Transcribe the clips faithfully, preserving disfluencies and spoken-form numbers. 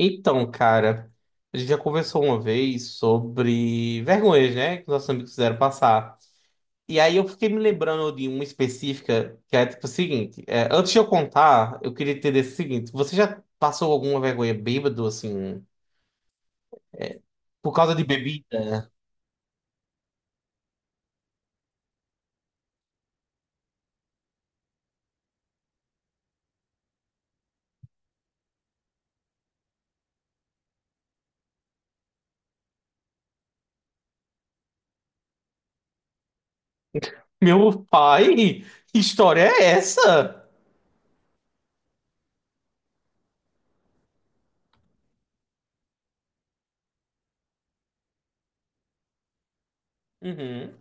Então, cara, a gente já conversou uma vez sobre vergonhas, né? Que nossos amigos fizeram passar. E aí eu fiquei me lembrando de uma específica que é tipo o seguinte: é, antes de eu contar, eu queria entender o seguinte: você já passou alguma vergonha bêbado, assim, por causa de bebida? Meu pai, que história é essa? Uhum.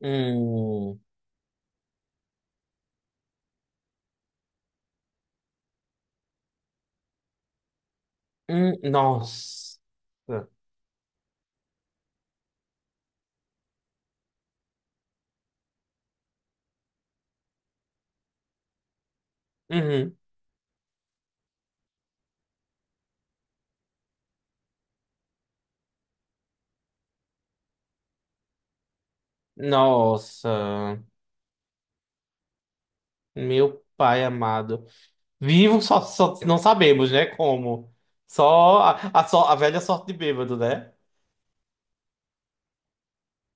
Hum, hum, nossa. Uhum. Nossa, meu pai amado. Vivo só, só não sabemos, né? Como. Só a, a, só a velha sorte de bêbado, né?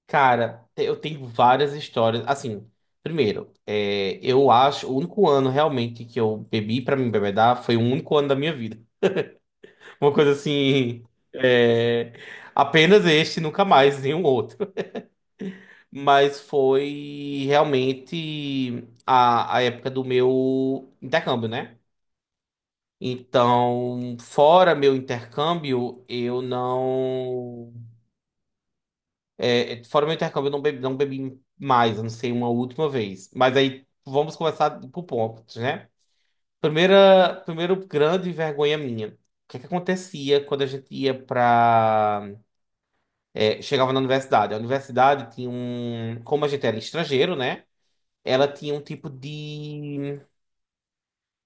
Cara, te- eu tenho várias histórias. Assim, primeiro, é, eu acho o único ano realmente que eu bebi pra me embebedar foi o único ano da minha vida. Uma coisa assim. é, apenas este, nunca mais, nenhum outro. Mas foi realmente a, a época do meu intercâmbio, né? Então, fora meu intercâmbio, eu não. é, é, fora meu intercâmbio, eu não bebi, não bebi, mais, eu não sei, uma última vez. Mas aí vamos começar por pontos, né? Primeira, primeiro grande vergonha minha. O que é que acontecia quando a gente ia pra. é, chegava na universidade? A universidade tinha um. Como a gente era estrangeiro, né? Ela tinha um tipo de.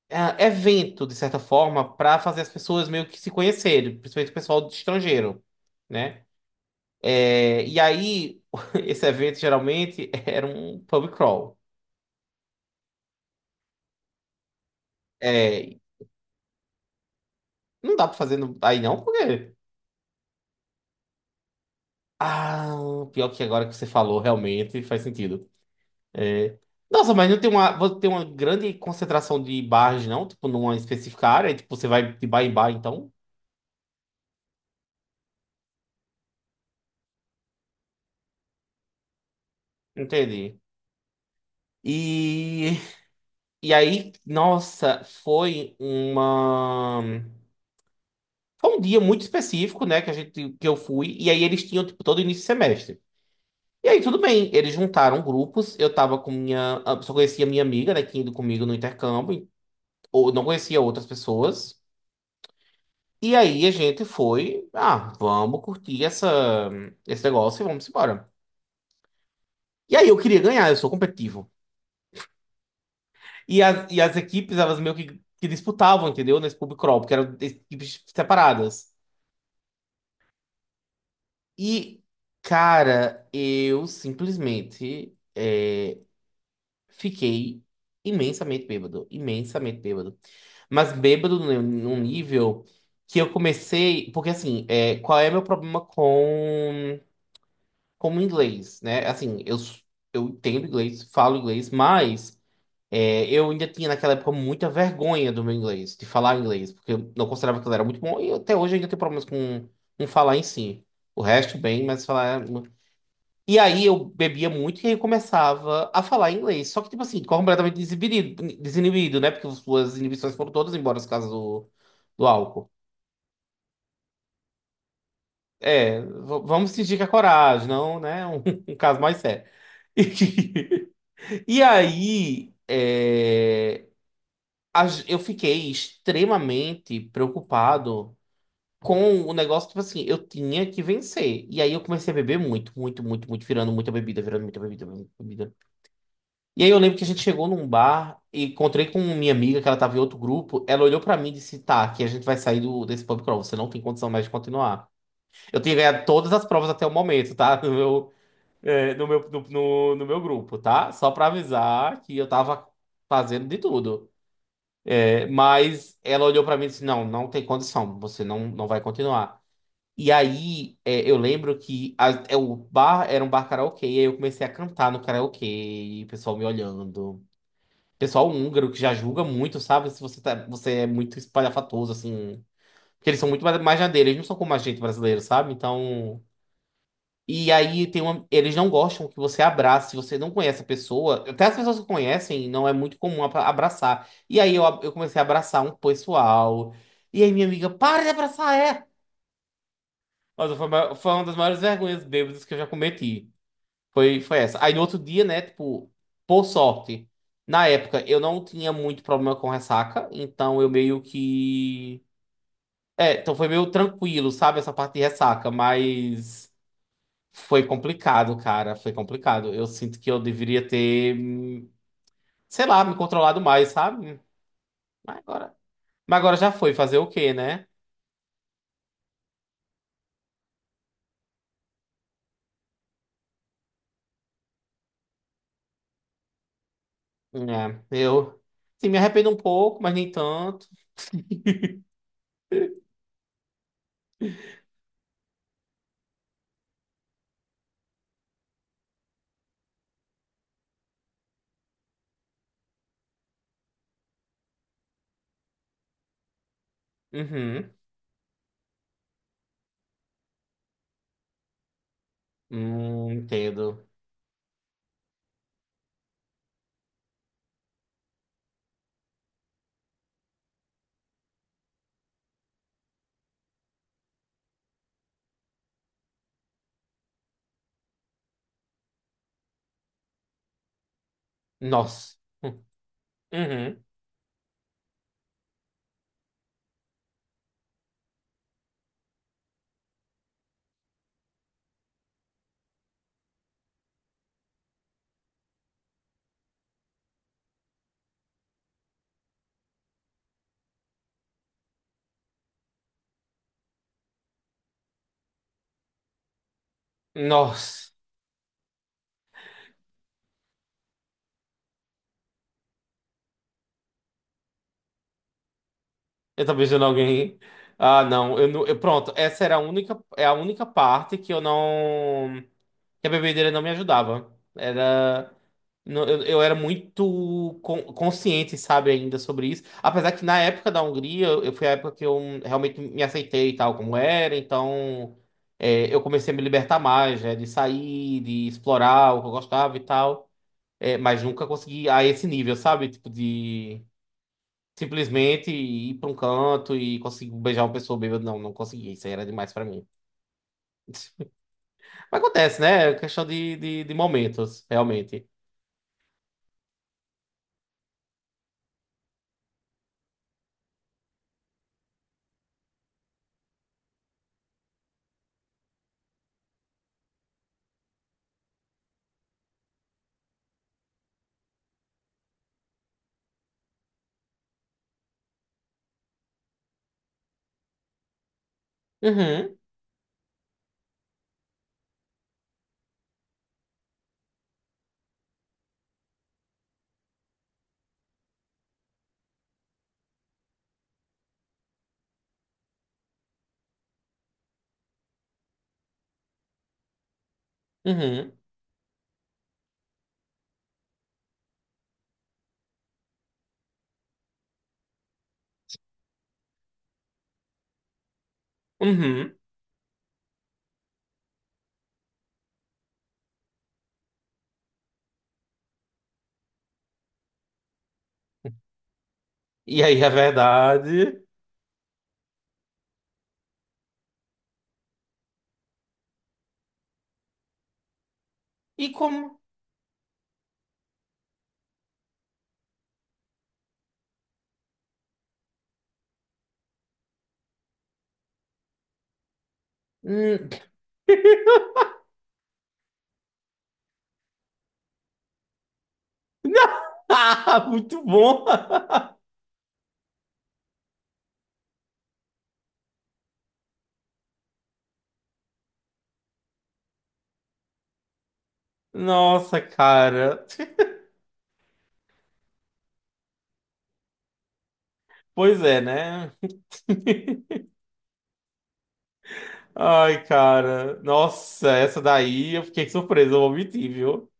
é, evento, de certa forma, para fazer as pessoas meio que se conhecerem, principalmente o pessoal de estrangeiro, né? É, e aí, esse evento geralmente era um pub crawl. É, não dá pra fazer no- aí não, porque. Ah, pior que agora que você falou, realmente faz sentido. É, Nossa, mas não tem uma, você tem uma grande concentração de bares, não? Tipo, numa específica área, tipo, você vai de bar em bar, então? Entendi. E E aí, nossa, foi uma. Foi um dia muito específico, né, que a gente, que eu fui, e aí eles tinham, tipo, todo início de semestre. E aí, tudo bem, eles juntaram grupos, eu tava com minha, ah, só conhecia minha amiga, né, que tinha ido comigo no intercâmbio, ou não conhecia outras pessoas. E aí a gente foi, ah, vamos curtir essa, esse negócio e vamos embora. E aí eu queria ganhar, eu sou competitivo. E as, e as equipes, elas meio que, que disputavam, entendeu, nesse pub crawl, porque eram equipes separadas. E, cara, eu simplesmente é, fiquei imensamente bêbado, imensamente bêbado. Mas bêbado num num nível que eu comecei. Porque, assim, é, qual é meu problema com, com o inglês, né? Assim, eu, s- eu entendo inglês, falo inglês, mas é, eu ainda tinha naquela época muita vergonha do meu inglês, de falar inglês, porque eu não considerava que ele era muito bom e até hoje eu ainda tenho problemas com, com falar em si. O resto, bem, mas falar. é e aí eu bebia muito e aí eu começava a falar inglês. Só que, tipo assim, completamente desinibido, desinibido, né? Porque as suas inibições foram todas embora no caso do, do álcool. É, v- vamos fingir que é coragem, não, né? Um, um caso mais sério. E aí, é, a g- eu fiquei extremamente preocupado com o negócio, tipo assim, eu tinha que vencer. E aí eu comecei a beber muito, muito, muito, muito, virando muita bebida, virando muita bebida, muita bebida. E aí eu lembro que a gente chegou num bar e encontrei com minha amiga, que ela tava em outro grupo. Ela olhou pra mim e disse: Tá, que a gente vai sair do, desse pub crawl, você não tem condição mais de continuar. Eu tinha ganhado todas as provas até o momento, tá? No meu, é, no meu, no, no- no meu grupo, tá? Só pra avisar que eu tava fazendo de tudo. É, mas ela olhou pra mim e disse: Não, não tem condição, você não, não vai continuar. E aí, é, eu lembro que a- é, o bar era um bar karaokê, e aí eu comecei a cantar no karaokê, e o pessoal me olhando. Pessoal húngaro que já julga muito, sabe? Se você, tá, você é muito espalhafatoso, assim. Porque eles são muito mais mais na dele, eles não são como a gente brasileiro, sabe? Então. E aí tem uma. Eles não gostam que você abrace, se você não conhece a pessoa. Até as pessoas que conhecem, não é muito comum abra- abraçar. E aí eu, ab- eu comecei a abraçar um pessoal. E aí minha amiga, para de abraçar, é! Mas foi, a maior- foi uma das maiores vergonhas bêbadas que eu já cometi. Foi, foi essa. Aí no outro dia, né, tipo, por sorte, na época eu não tinha muito problema com ressaca, então eu meio que. É, então foi meio tranquilo, sabe, essa parte de ressaca, mas foi complicado, cara, foi complicado. Eu sinto que eu deveria ter, hum, sei lá, me controlado mais, sabe? Mas agora, mas agora já foi, fazer o quê, né? É, eu, sim, me arrependo um pouco, mas nem tanto. Uhum. Hum, entendo. Nossa. Uhum. Nossa. Eu tô beijando alguém. Ah, não. Eu, não- eu- pronto, essa era a única, é a única parte que eu não. Que a bebedeira não me ajudava. Era. não- Eu, eu era muito con- consciente, sabe, ainda sobre isso. Apesar que na época da Hungria, eu, foi a época que eu realmente me aceitei e tal, como era, então é, eu comecei a me libertar mais, né, de sair, de explorar o que eu gostava e tal. É, mas nunca consegui a esse nível, sabe? Tipo, de. Simplesmente ir pra um canto e conseguir beijar uma pessoa bêbada. Não, não consegui. Isso aí era demais pra mim. Mas acontece, né? É questão de, de, de momentos, realmente. Uhum, uhum, uhum. E aí, a verdade. E como. Hum. Ah, muito bom! Nossa, cara. Pois é, né? Ai, cara. Nossa, essa daí eu fiquei surpreso, eu vou mentir, viu?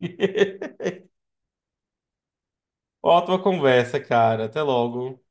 Ótima conversa, cara. Até logo.